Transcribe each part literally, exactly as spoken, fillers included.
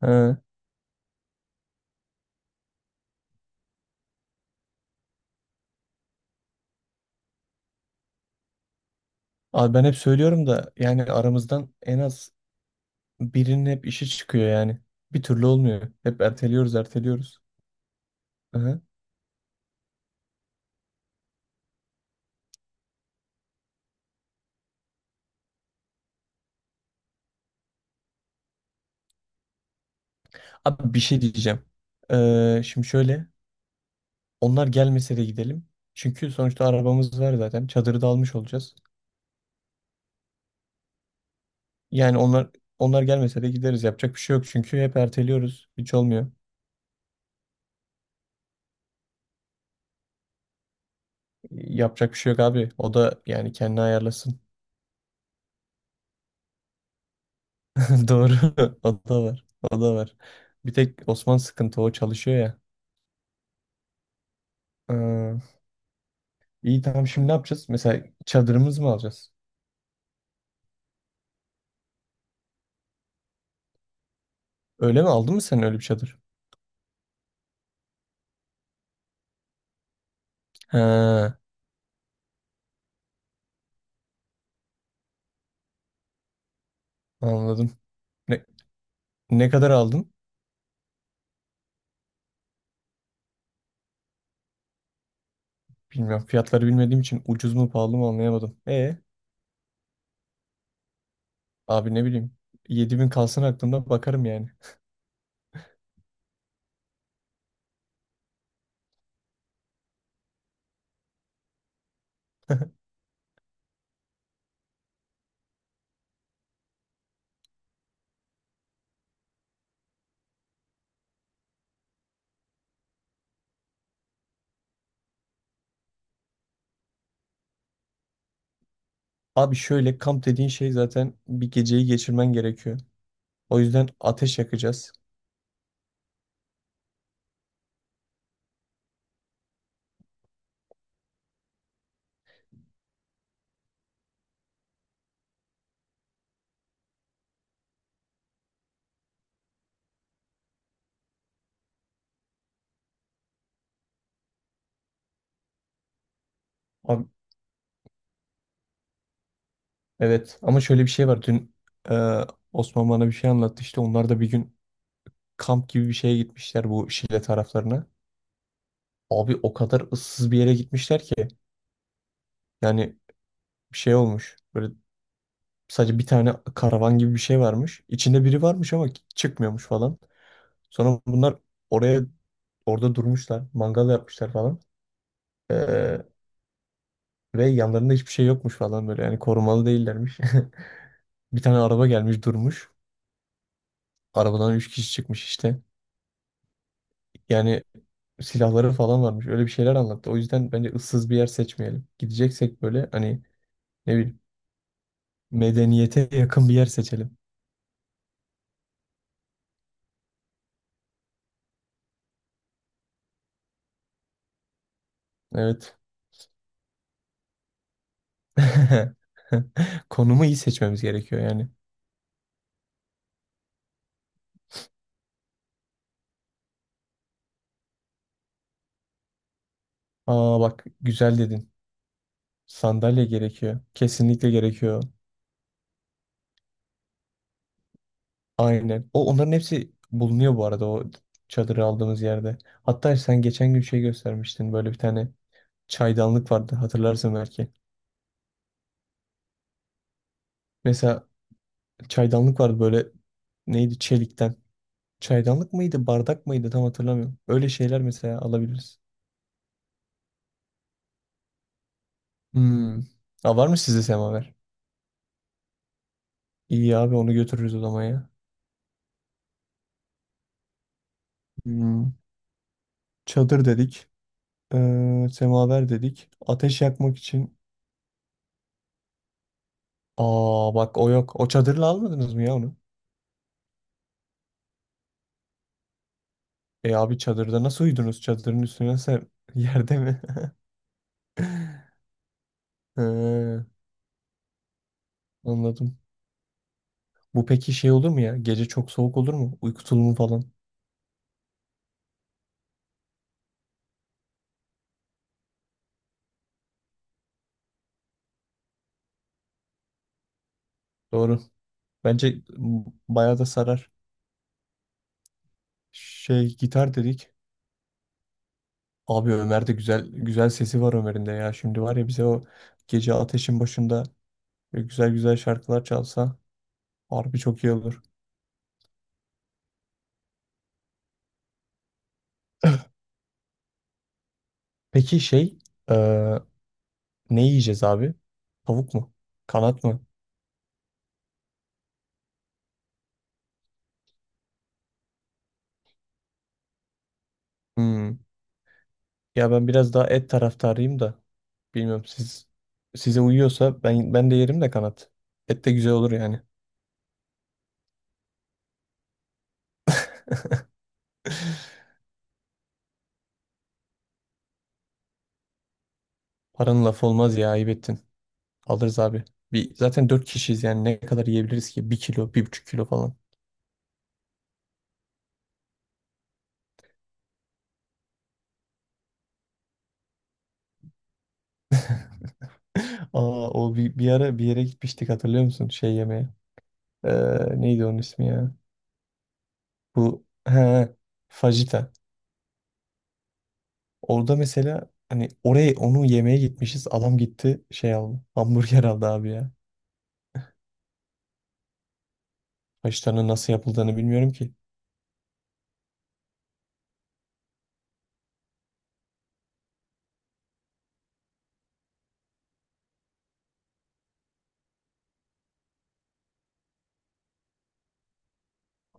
Ha. Abi ben hep söylüyorum da yani aramızdan en az birinin hep işi çıkıyor yani. Bir türlü olmuyor. Hep erteliyoruz, erteliyoruz. Aha. Abi bir şey diyeceğim. Ee, şimdi şöyle. Onlar gelmese de gidelim. Çünkü sonuçta arabamız var zaten. Çadırı da almış olacağız. Yani onlar onlar gelmese de gideriz. Yapacak bir şey yok çünkü hep erteliyoruz. Hiç olmuyor. Yapacak bir şey yok abi. O da yani kendini ayarlasın. Doğru. O da var. O da var. Bir tek Osman sıkıntı, o çalışıyor ya. Aa. İyi, tamam, şimdi ne yapacağız? Mesela çadırımız mı alacağız? Öyle mi, aldın mı sen öyle bir çadır? He, anladım. Ne, ne kadar aldın? Bilmiyorum. Fiyatları bilmediğim için ucuz mu pahalı mı anlayamadım. E abi ne bileyim. Yedi bin kalsın aklımda, bakarım yani. Abi şöyle, kamp dediğin şey zaten bir geceyi geçirmen gerekiyor. O yüzden ateş yakacağız. Abi, evet ama şöyle bir şey var. Dün e, Osman bana bir şey anlattı, işte onlar da bir gün kamp gibi bir şeye gitmişler, bu Şile taraflarına. Abi o kadar ıssız bir yere gitmişler ki. Yani bir şey olmuş. Böyle sadece bir tane karavan gibi bir şey varmış. İçinde biri varmış ama çıkmıyormuş falan. Sonra bunlar oraya orada durmuşlar. Mangal yapmışlar falan. Ee, Ve yanlarında hiçbir şey yokmuş falan böyle. Yani korumalı değillermiş. Bir tane araba gelmiş, durmuş. Arabadan üç kişi çıkmış işte. Yani silahları falan varmış. Öyle bir şeyler anlattı. O yüzden bence ıssız bir yer seçmeyelim. Gideceksek böyle hani. Ne bileyim. Medeniyete yakın bir yer seçelim. Evet. Konumu iyi seçmemiz gerekiyor yani. Aa, bak güzel dedin. Sandalye gerekiyor. Kesinlikle gerekiyor. Aynen. O, onların hepsi bulunuyor bu arada, o çadırı aldığımız yerde. Hatta sen geçen gün şey göstermiştin. Böyle bir tane çaydanlık vardı. Hatırlarsın belki. Mesela çaydanlık vardı böyle, neydi, çelikten. Çaydanlık mıydı, bardak mıydı tam hatırlamıyorum. Öyle şeyler mesela alabiliriz. Hmm. Aa, var mı sizde semaver? İyi abi, onu götürürüz o zaman ya. Hmm. Çadır dedik. Ee, semaver dedik. Ateş yakmak için. Aa bak, o yok. O çadırla almadınız mı ya onu? E abi, çadırda nasıl uyudunuz? Çadırın üstüne sen yerde mi? Ee, Anladım. Bu peki şey olur mu ya? Gece çok soğuk olur mu? Uyku tulumu falan. Doğru. Bence m, bayağı da sarar. Şey, gitar dedik. Abi Ömer de, güzel güzel sesi var Ömer'in de ya. Şimdi var ya, bize o gece ateşin başında böyle güzel güzel şarkılar çalsa harbi çok iyi olur. Peki şey, eee, ne yiyeceğiz abi? Tavuk mu? Kanat mı? Hmm. Ya ben biraz daha et taraftarıyım da, bilmiyorum, siz, size uyuyorsa ben ben de yerim de kanat. Et de güzel olur yani. Paranın lafı olmaz ya, ayıp ettin. Alırız abi. Bir, zaten dört kişiyiz, yani ne kadar yiyebiliriz ki? Bir kilo, bir buçuk kilo falan. Aa, o bir, bir ara bir yere gitmiştik, hatırlıyor musun? Şey yemeye. Eee, neydi onun ismi ya? Bu he, fajita. Orada mesela, hani oraya onu yemeye gitmişiz. Adam gitti şey aldı. Hamburger aldı abi ya. Haşlarının nasıl yapıldığını bilmiyorum ki.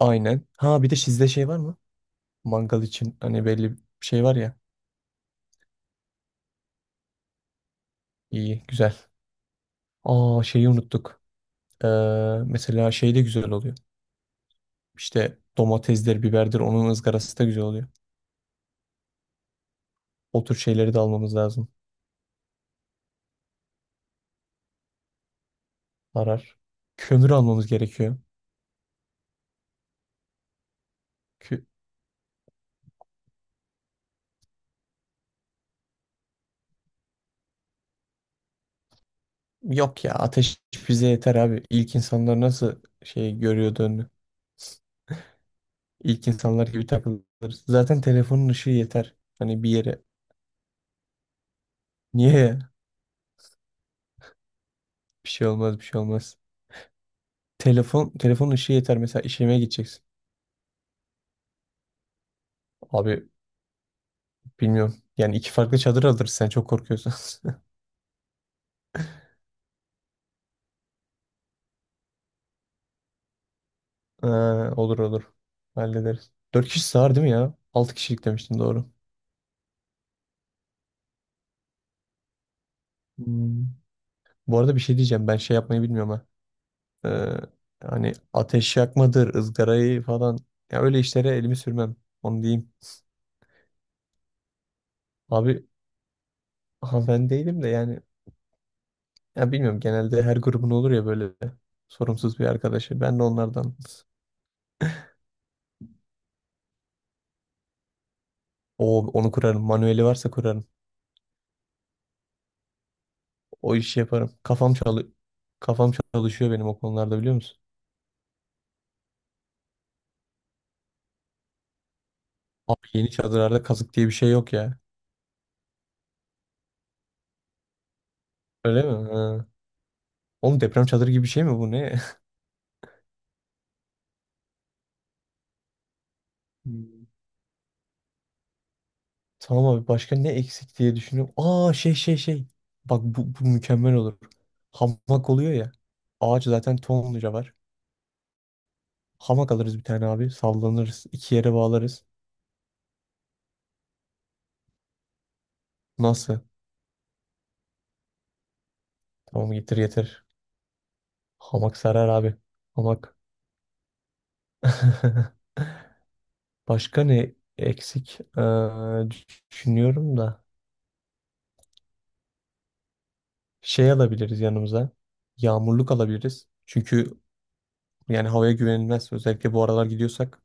Aynen. Ha, bir de sizde şey var mı? Mangal için hani belli bir şey var ya. İyi, güzel. Aa, şeyi unuttuk. Ee, Mesela şey de güzel oluyor. İşte domatesdir, biberdir, onun ızgarası da güzel oluyor. O tür şeyleri de almamız lazım. Arar. Kömür almamız gerekiyor. Kü- Yok ya, ateş bize yeter abi. İlk insanlar nasıl şey görüyordu önünü? İlk insanlar gibi takılırız. Zaten telefonun ışığı yeter. Hani bir yere. Niye ya? Bir şey olmaz, bir şey olmaz. Telefon telefonun ışığı yeter. Mesela işeme gideceksin. Abi bilmiyorum. Yani iki farklı çadır alırız, sen çok korkuyorsan. Ha, olur olur. Hallederiz. Dört kişi sığar değil mi ya? Altı kişilik demiştin, doğru. Hmm. Bu arada bir şey diyeceğim. Ben şey yapmayı bilmiyorum ha. Ee, Hani ateş yakmadır, ızgarayı falan. Ya öyle işlere elimi sürmem. Onu diyeyim. Abi, ha, ben değilim de yani, ya bilmiyorum, genelde her grubun olur ya böyle sorumsuz bir arkadaşı. Ben de onlardan. O, onu kurarım. Manueli varsa kurarım. O işi yaparım. Kafam çalı kafam çalışıyor benim o konularda, biliyor musun? Abi yeni çadırlarda kazık diye bir şey yok ya. Öyle mi? Ha. Oğlum deprem çadırı gibi bir şey mi bu, ne? Tamam abi, başka ne eksik diye düşünüyorum. Aa, şey şey şey. Bak bu, bu, mükemmel olur. Hamak oluyor ya. Ağaç zaten tonluca var. Hamak alırız bir tane abi. Sallanırız. İki yere bağlarız. Nasıl? Tamam, getir getir. Hamak sarar abi. Hamak. Başka ne eksik? Ee, düşünüyorum da. Şey alabiliriz yanımıza. Yağmurluk alabiliriz. Çünkü yani havaya güvenilmez. Özellikle bu aralar gidiyorsak.